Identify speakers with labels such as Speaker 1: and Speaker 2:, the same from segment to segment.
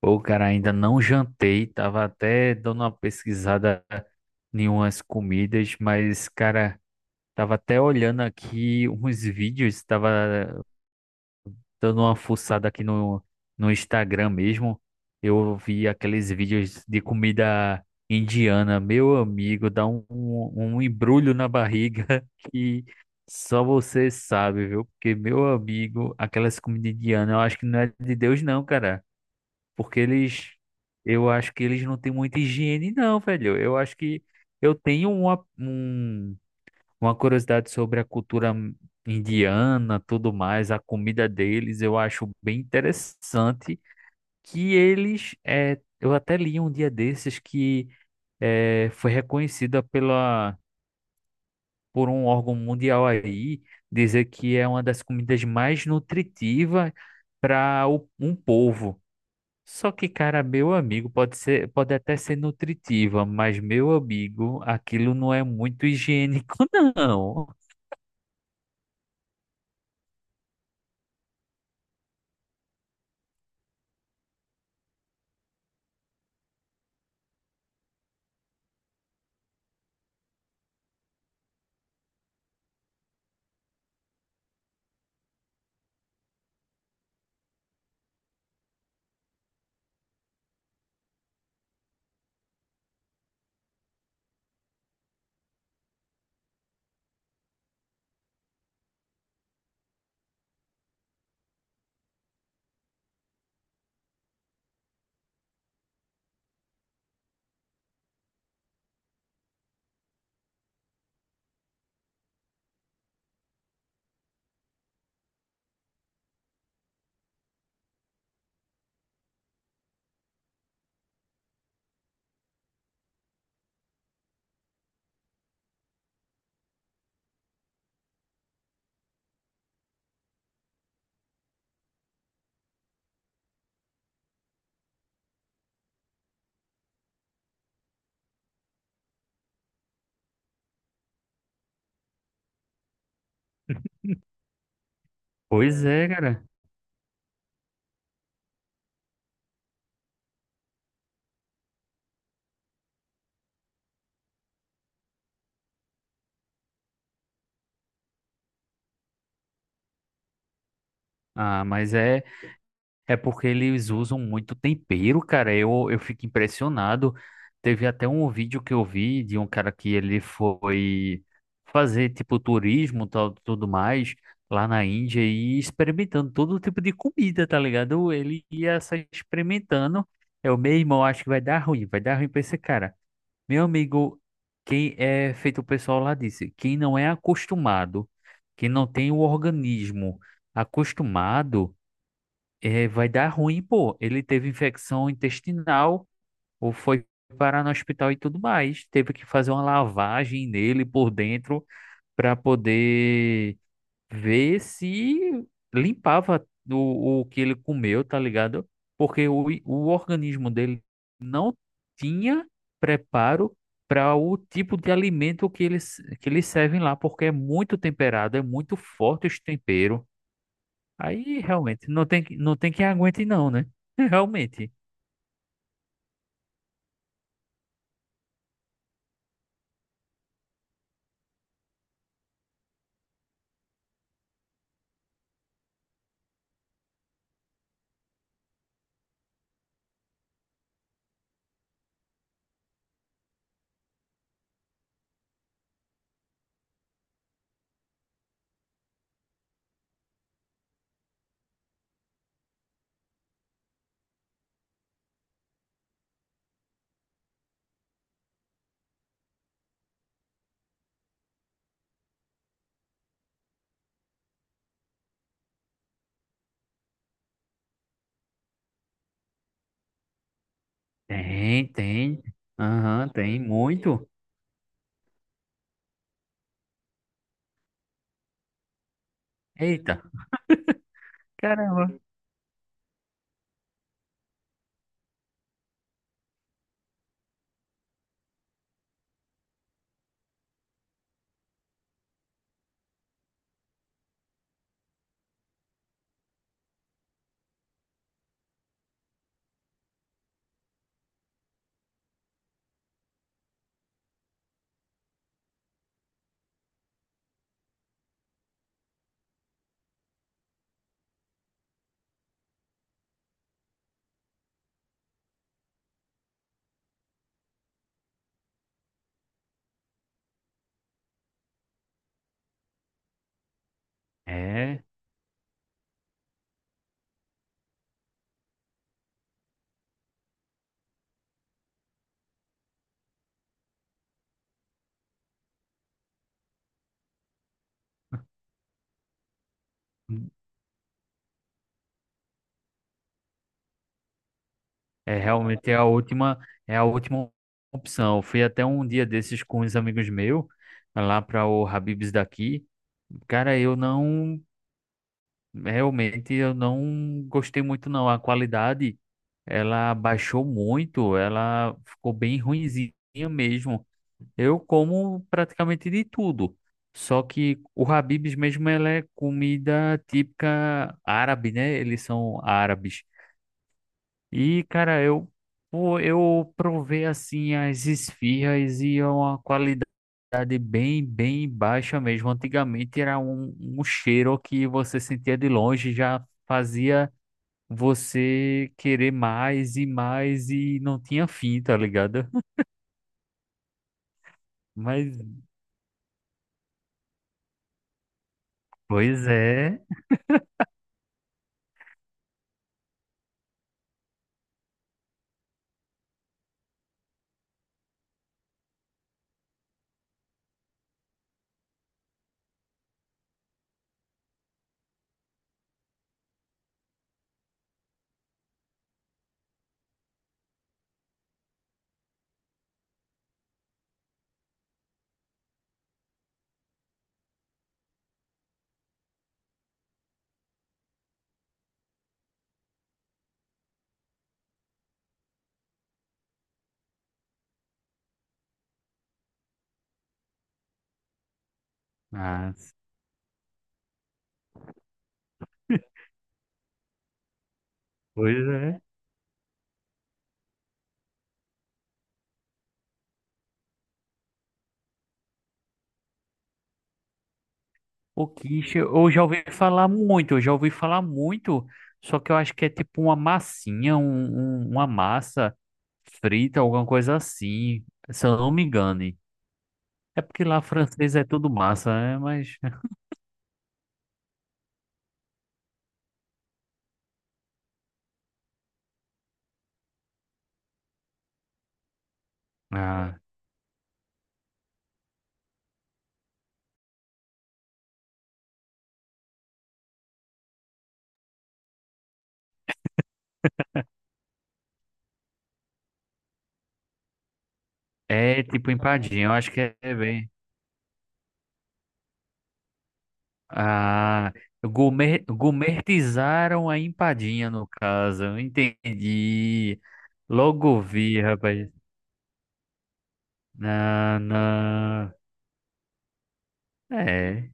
Speaker 1: Pô, cara, ainda não jantei, tava até dando uma pesquisada em umas comidas, mas, cara, tava até olhando aqui uns vídeos, tava dando uma fuçada aqui no Instagram mesmo. Eu vi aqueles vídeos de comida indiana, meu amigo, dá um embrulho na barriga que só você sabe, viu? Porque, meu amigo, aquelas comidas indianas, eu acho que não é de Deus, não, cara. Porque eles, eu acho que eles não têm muita higiene, não, velho. Eu acho que eu tenho uma curiosidade sobre a cultura indiana, tudo mais, a comida deles, eu acho bem interessante que eu até li um dia desses que foi reconhecida pela, por um órgão mundial aí, dizer que é uma das comidas mais nutritivas para um povo. Só que, cara, meu amigo pode ser, pode até ser nutritiva, mas meu amigo, aquilo não é muito higiênico, não. Pois é, cara. Ah, mas é. É porque eles usam muito tempero, cara. Eu fico impressionado. Teve até um vídeo que eu vi de um cara que ele foi fazer tipo turismo, tal, tudo mais, lá na Índia e experimentando todo tipo de comida, tá ligado? Ele ia só experimentando. Eu, meu irmão, acho que vai dar ruim pra esse cara. Meu amigo, quem é feito o pessoal lá disse, quem não é acostumado, quem não tem o organismo acostumado vai dar ruim, pô. Ele teve infecção intestinal ou foi parar no hospital e tudo mais. Teve que fazer uma lavagem nele por dentro para poder ver se limpava o que ele comeu, tá ligado? Porque o organismo dele não tinha preparo para o tipo de alimento que eles servem lá, porque é muito temperado, é muito forte os temperos. Aí realmente não tem quem aguente não, né? Realmente. Tem, tem. Aham, tem muito. Eita, caramba. É, é realmente é a última opção. Eu fui até um dia desses com uns amigos meus, lá para o Habib's daqui. Cara, eu não, realmente eu não gostei muito não. A qualidade, ela baixou muito, ela ficou bem ruinzinha mesmo. Eu como praticamente de tudo. Só que o Habib's mesmo ela é comida típica árabe, né? Eles são árabes. E, cara, eu, pô, eu provei assim as esfirras e é uma qualidade bem, bem baixa mesmo. Antigamente era um cheiro que você sentia de longe, já fazia você querer mais e mais e não tinha fim, tá ligado? Mas, pois é. Ah, pois é. O quiche, eu já ouvi falar muito, eu já ouvi falar muito, só que eu acho que é tipo uma massinha, uma massa frita, alguma coisa assim, se eu não me engane. É porque lá francês é tudo massa, né? Mas ah, é tipo empadinha, eu acho que é bem. Ah, gourmet, gourmetizaram a empadinha no caso, eu entendi. Logo vi, rapaz. Na, na, é.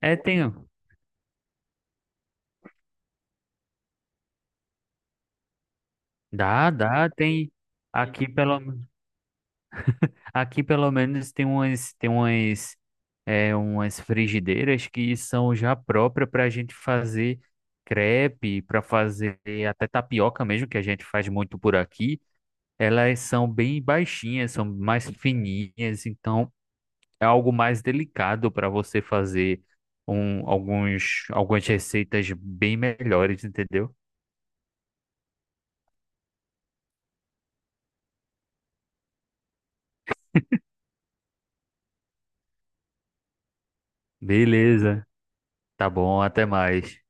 Speaker 1: É, tem. Dá, dá, tem aqui pelo aqui pelo menos tem umas é, umas frigideiras que são já próprias para a gente fazer crepe, para fazer até tapioca mesmo, que a gente faz muito por aqui. Elas são bem baixinhas, são mais fininhas, então é algo mais delicado para você fazer alguns algumas receitas bem melhores, entendeu? Beleza, tá bom, até mais.